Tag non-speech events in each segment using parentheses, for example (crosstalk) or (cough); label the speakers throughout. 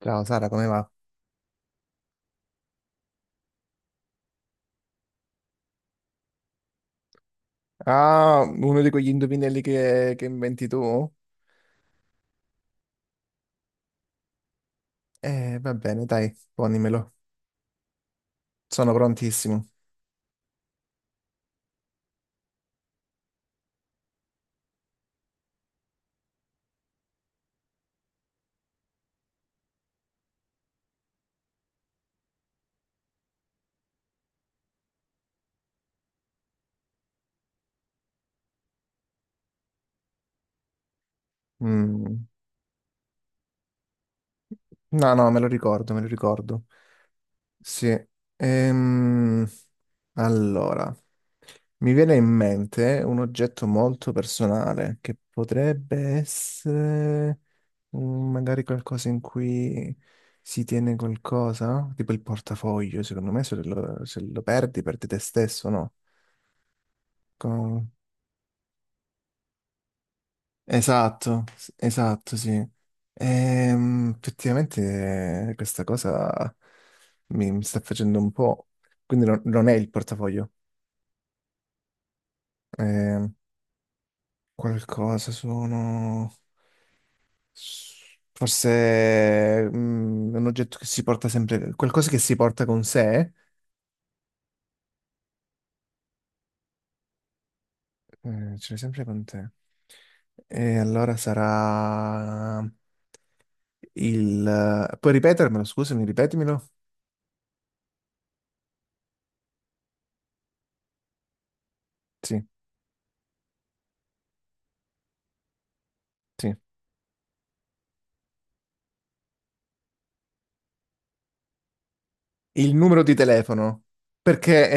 Speaker 1: Ciao Sara, come va? Ah, uno di quegli indovinelli che inventi tu? Va bene, dai, ponimelo. Sono prontissimo. Mm. No, no, me lo ricordo, me lo ricordo. Sì. Ehm, allora, mi viene in mente un oggetto molto personale che potrebbe essere magari qualcosa in cui si tiene qualcosa, tipo il portafoglio, secondo me se lo perdi, perdi te stesso, no? Co- Esatto, esatto, sì. Effettivamente questa cosa mi sta facendo un po'. Quindi non è il portafoglio. Ehm, qualcosa sono. Forse un oggetto che si porta sempre. Qualcosa che si porta con sé. Ce l'hai sempre con te. E allora sarà il... Puoi ripetermelo, scusami, ripetimelo? Sì, sì. Il numero di telefono, perché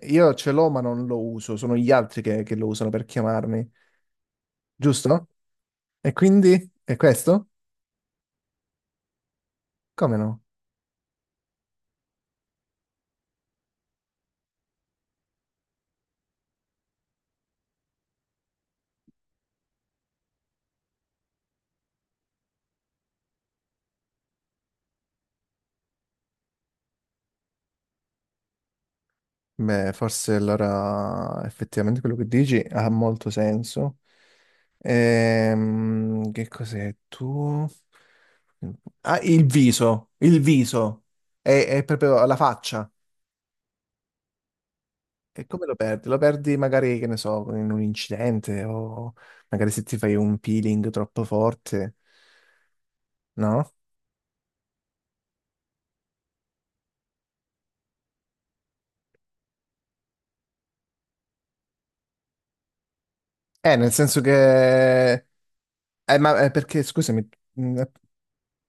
Speaker 1: io ce l'ho ma non lo uso, sono gli altri che lo usano per chiamarmi, giusto? E quindi è questo? Come no? Beh, forse allora effettivamente quello che dici ha molto senso. Che cos'è tu? Ah, il viso, è proprio la faccia. E come lo perdi? Lo perdi magari, che ne so, in un incidente o magari se ti fai un peeling troppo forte, no? Nel senso che... ma perché, scusami, mh,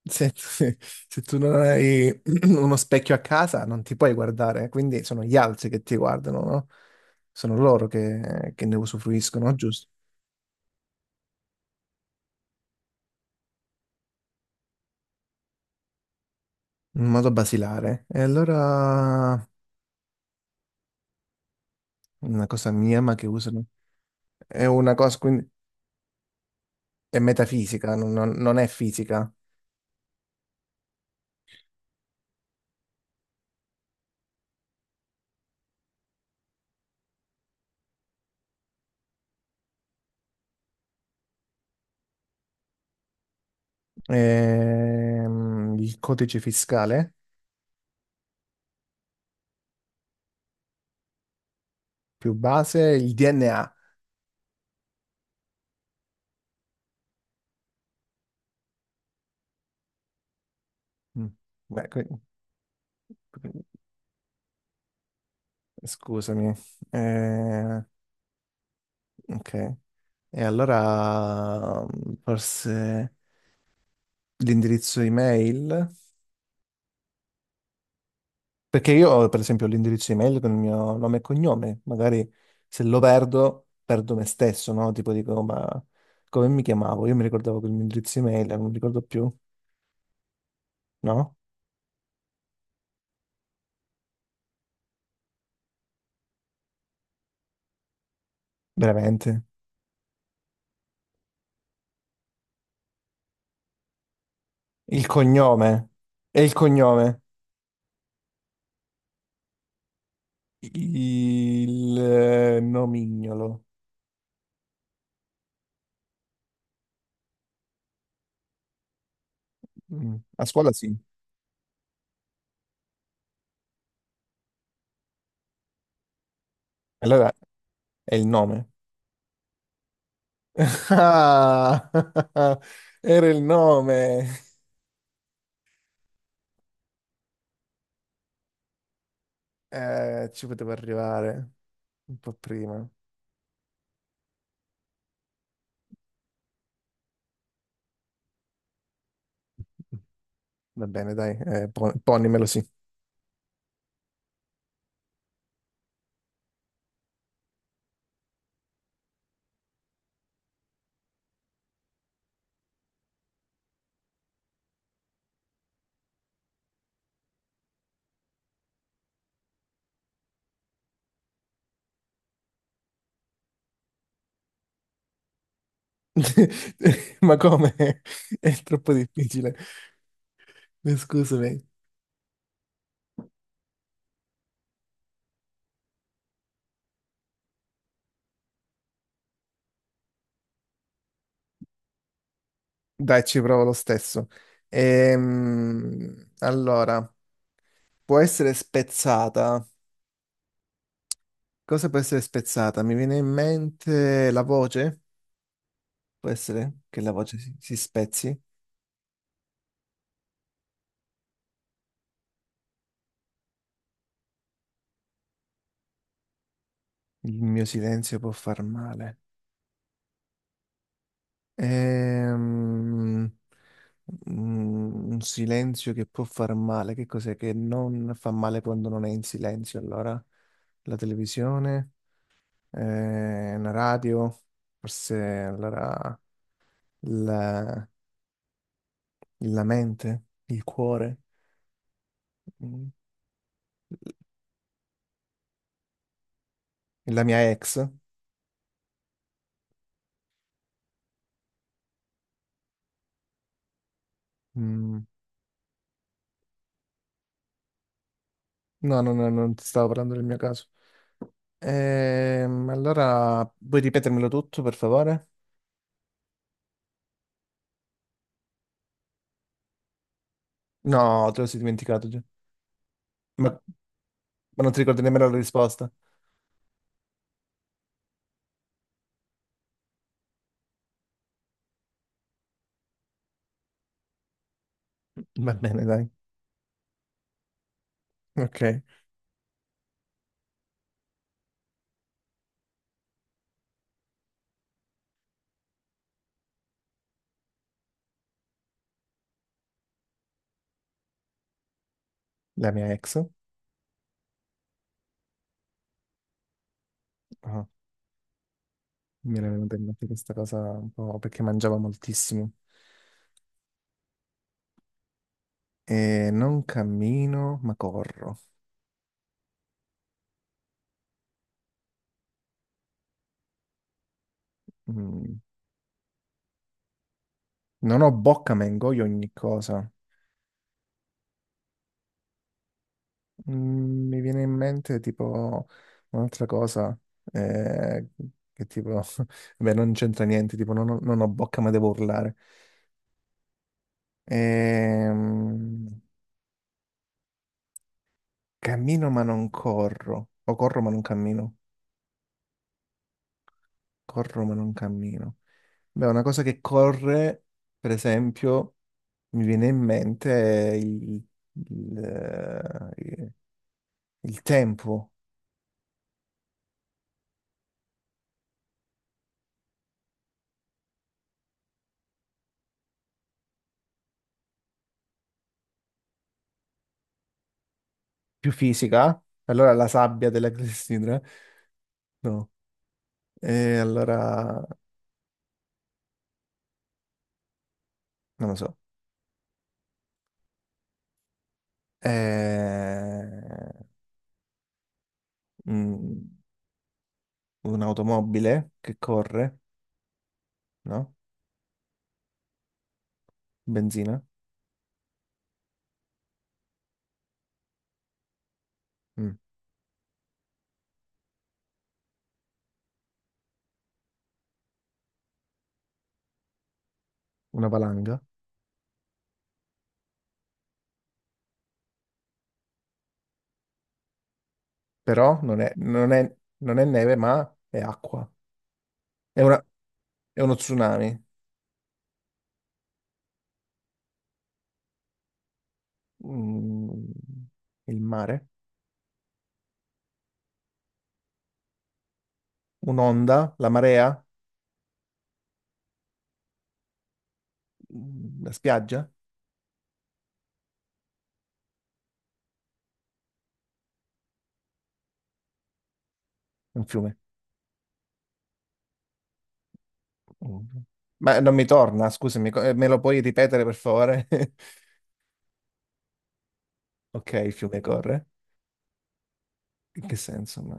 Speaker 1: se, (laughs) se tu non hai (clears throat) uno specchio a casa non ti puoi guardare, quindi sono gli altri che ti guardano, no? Sono loro che ne usufruiscono, giusto? In modo basilare. E allora una cosa mia, ma che usano... È una cosa, quindi... È metafisica, non è fisica. Il codice fiscale più base, il DNA. Mm. Beh, scusami. Eh, ok. E allora forse l'indirizzo email? Perché io ho per esempio l'indirizzo email con il mio nome e cognome. Magari se lo perdo, perdo me stesso, no? Tipo dico, ma come mi chiamavo? Io mi ricordavo che il mio indirizzo email, non mi ricordo più, no? Veramente. Il cognome. E il cognome. Il nomignolo. Mm. A scuola sì. Allora è il nome. (laughs) Ah! (laughs) Era il nome. Ci potevo arrivare un po' prima. Va bene, dai, ponimelo sì. (laughs) Ma come? (laughs) È troppo difficile. Scusami. Dai, ci provo lo stesso. Allora. Può essere spezzata. Cosa può essere spezzata? Mi viene in mente la voce? Può essere che la voce si spezzi? Il mio silenzio può far male. Ehm, un silenzio che può far male. Che cos'è che non fa male quando non è in silenzio? Allora, la televisione, la radio, forse allora la, la mente, il cuore, mm, la mia ex. Mm. No, no, no, non ti stavo parlando del mio caso. Allora, puoi ripetermelo tutto, per favore? No, te lo sei dimenticato già. Ma non ti ricordi nemmeno la risposta? Va bene, dai. Ok. La mia ex. Ah, mi era venuta in mente questa cosa un po' perché mangiava moltissimo. E non cammino, ma corro. Mm. Non ho bocca, ma ingoio ogni cosa. Mm, mi viene in mente tipo un'altra cosa eh, che tipo, (laughs) beh, non c'entra niente, tipo non ho bocca ma devo urlare. Ehm, cammino ma non corro, o corro ma non cammino, corro ma non cammino. Beh, una cosa che corre, per esempio, mi viene in mente il, eh, il tempo più fisica, allora la sabbia della (laughs) clessidra, no. E allora, non lo so, è mm, un'automobile che corre, no? Benzina, Mm, una valanga, però non è neve, ma è acqua. È una- è uno tsunami, Mm, il mare, un'onda, la marea, la spiaggia, un fiume. Mm. Ma non mi torna, scusami, me lo puoi ripetere per favore? (laughs) Ok, il fiume corre. In che senso? Ma...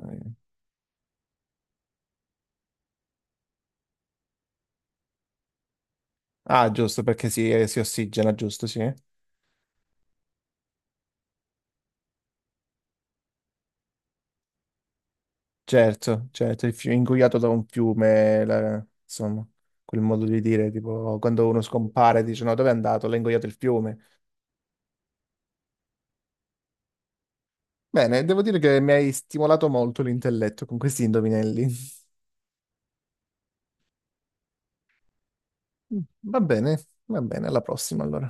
Speaker 1: Ah, giusto, perché si, si ossigena, giusto, sì. Certo, certo, il fiume, ingoiato da un fiume, insomma, quel modo di dire, tipo, quando uno scompare dice, no, dove è andato? L'ha ingoiato il fiume. Bene, devo dire che mi hai stimolato molto l'intelletto con questi indovinelli. (laughs) Va bene, va bene, alla prossima allora.